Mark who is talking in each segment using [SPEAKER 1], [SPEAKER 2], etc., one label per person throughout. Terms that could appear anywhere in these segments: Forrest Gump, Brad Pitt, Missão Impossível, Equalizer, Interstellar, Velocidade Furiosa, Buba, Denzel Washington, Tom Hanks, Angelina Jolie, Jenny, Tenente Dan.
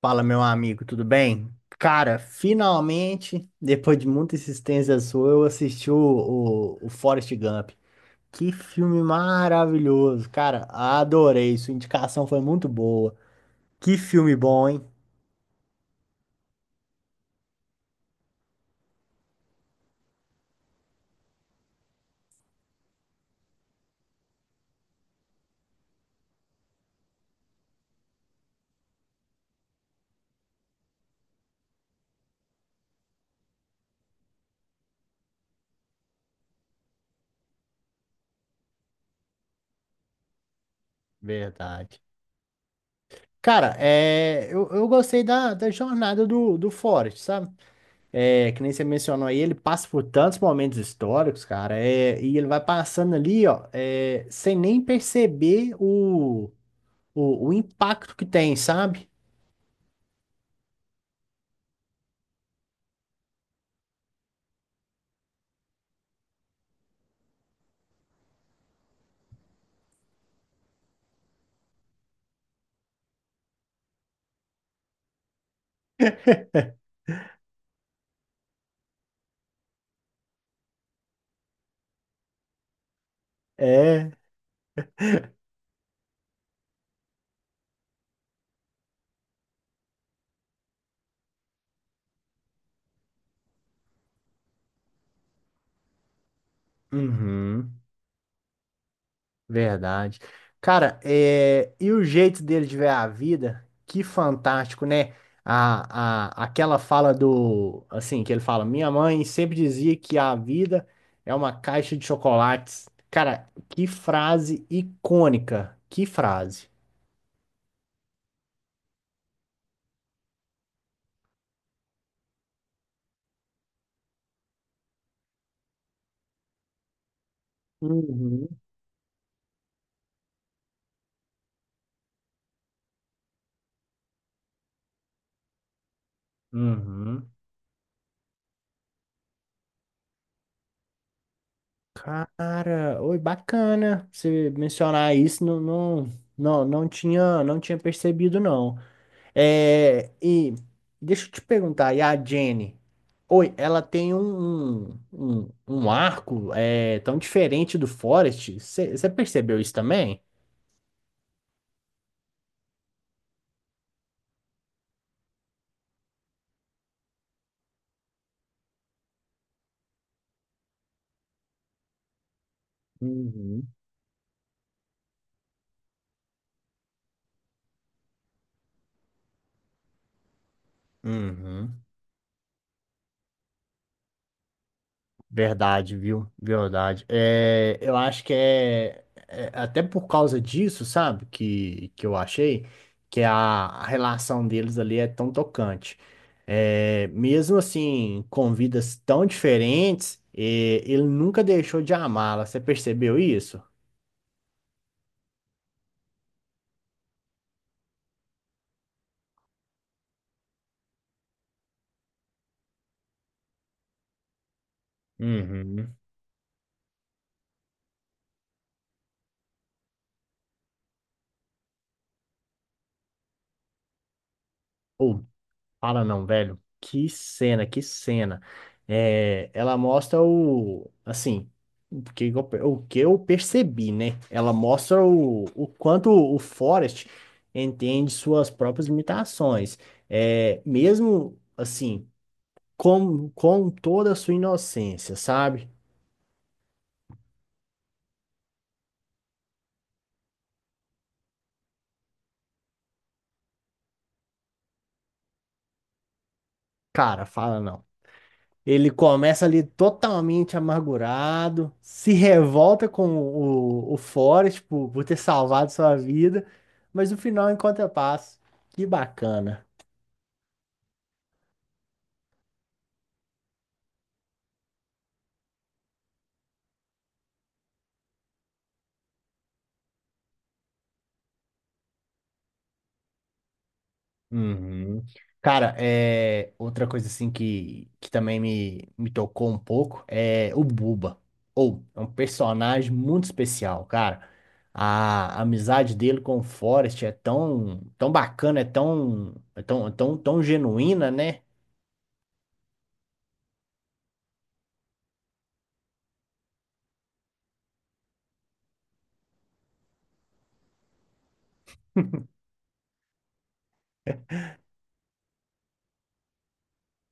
[SPEAKER 1] Fala, meu amigo, tudo bem? Cara, finalmente, depois de muita insistência sua, eu assisti o Forrest Gump. Que filme maravilhoso, cara. Adorei. Sua indicação foi muito boa. Que filme bom, hein? Verdade. Cara, eu gostei da jornada do Forrest, sabe? É, que nem você mencionou aí, ele passa por tantos momentos históricos, cara. É, e ele vai passando ali, ó, é, sem nem perceber o impacto que tem, sabe? É. Uhum, verdade. Cara, é, e o jeito dele de ver a vida, que fantástico, né? Aquela fala do, assim, que ele fala, minha mãe sempre dizia que a vida é uma caixa de chocolates. Cara, que frase icônica, que frase. Uhum. Uhum. Cara, oi, bacana você mencionar isso, não tinha, não tinha percebido, não. É, e deixa eu te perguntar, e a Jenny? Oi, ela tem um um arco é, tão diferente do Forest? Você percebeu isso também? Uhum. Uhum. Verdade, viu? Verdade. É, eu acho que é até por causa disso, sabe? Que eu achei que a relação deles ali é tão tocante. É, mesmo assim, com vidas tão diferentes, é, ele nunca deixou de amá-la. Você percebeu isso? Uhum. Fala não, velho. Que cena, que cena. É, ela mostra o, assim, o que eu percebi, né? Ela mostra o quanto o Forrest entende suas próprias limitações. É, mesmo assim, com toda a sua inocência, sabe? Cara, fala não. Ele começa ali totalmente amargurado, se revolta com o Forrest por ter salvado sua vida, mas no final encontra paz. Que bacana. Uhum. Cara, é outra coisa assim que também me tocou um pouco é o Buba. Ou é um personagem muito especial, cara. A amizade dele com o Forrest é tão, tão bacana, tão genuína, né?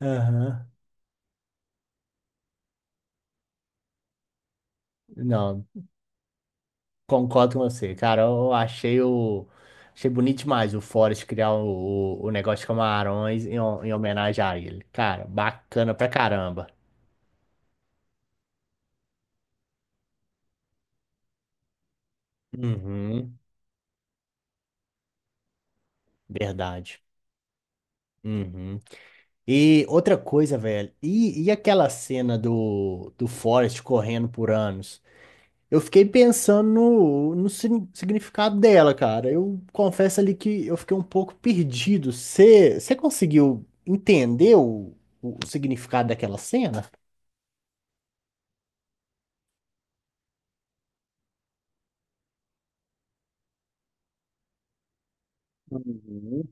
[SPEAKER 1] Aham. Não, concordo com você, cara. Eu achei o. Achei bonito demais o Forrest criar o negócio de camarões em homenagem a ele. Cara, bacana pra caramba. Uhum, verdade. Uhum. E outra coisa, velho. E aquela cena do Forrest correndo por anos? Eu fiquei pensando no significado dela, cara. Eu confesso ali que eu fiquei um pouco perdido. Você conseguiu entender o significado daquela cena? Uhum,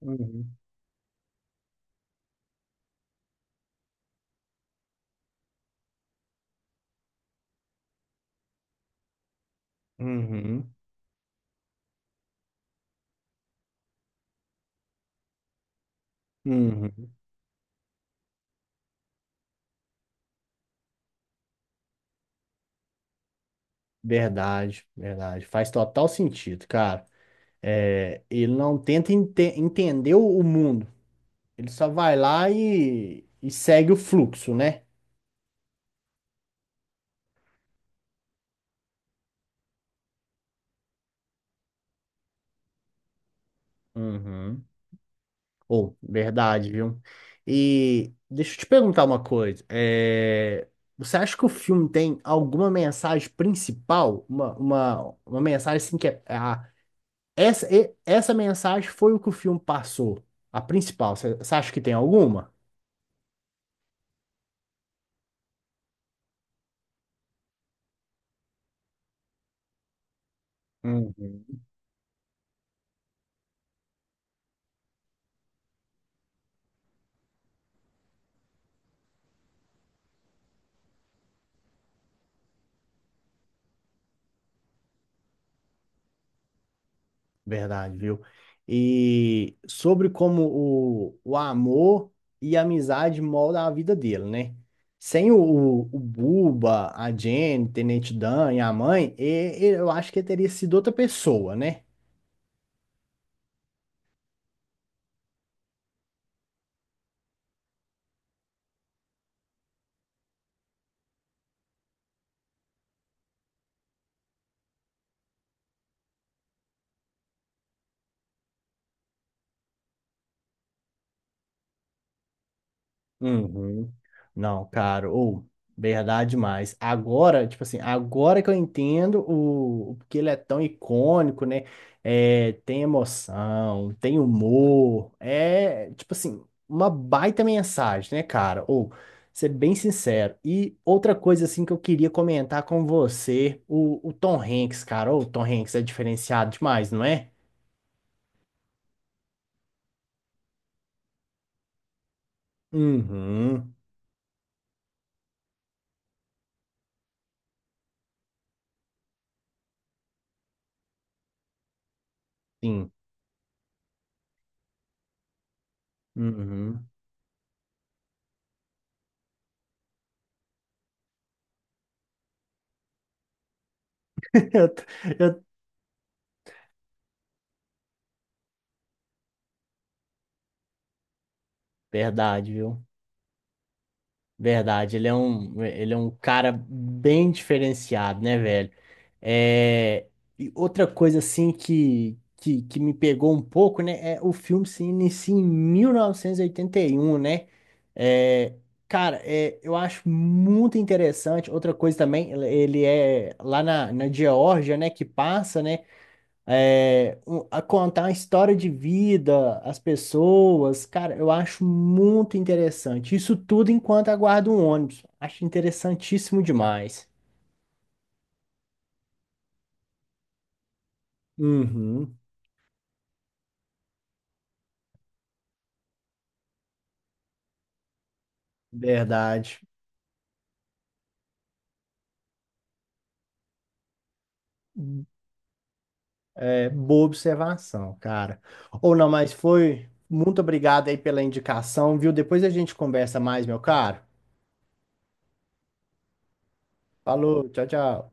[SPEAKER 1] uhum, uhum, uhum. Verdade, verdade. Faz total sentido, cara. É, ele não tenta entender o mundo. Ele só vai lá e segue o fluxo, né? Uhum. Ou, verdade, viu? E deixa eu te perguntar uma coisa. É, você acha que o filme tem alguma mensagem principal? Uma mensagem assim que é, ah, essa, essa mensagem foi o que o filme passou, a principal. Você acha que tem alguma? Uhum. Verdade, viu? E sobre como o amor e a amizade moldam a vida dele, né? Sem o Buba, a Jenny, Tenente Dan e a mãe, eu acho que ele teria sido outra pessoa, né? Uhum. Não, cara, ou verdade demais. Agora, tipo assim, agora que eu entendo o porque ele é tão icônico, né? É, tem emoção, tem humor, é, tipo assim, uma baita mensagem, né, cara? Ou ser bem sincero. E outra coisa assim que eu queria comentar com você, o Tom Hanks, cara, ou o Tom Hanks é diferenciado demais, não é? Uhum. Sim. Uhum. Eu, eu, verdade, viu? Verdade, ele é um cara bem diferenciado, né, velho? É, e outra coisa, assim, que me pegou um pouco, né, é o filme se inicia em 1981 né? É, cara, é, eu acho muito interessante. Outra coisa também, ele ele é lá na Geórgia, né, que passa, né? é, um- a contar a história de vida, as pessoas, cara, eu acho muito interessante. Isso tudo enquanto aguardo um ônibus. Acho interessantíssimo demais. Uhum, verdade. É, boa observação, cara. Ou não, mas foi. Muito obrigado aí pela indicação, viu? Depois a gente conversa mais, meu caro. Falou, tchau, tchau.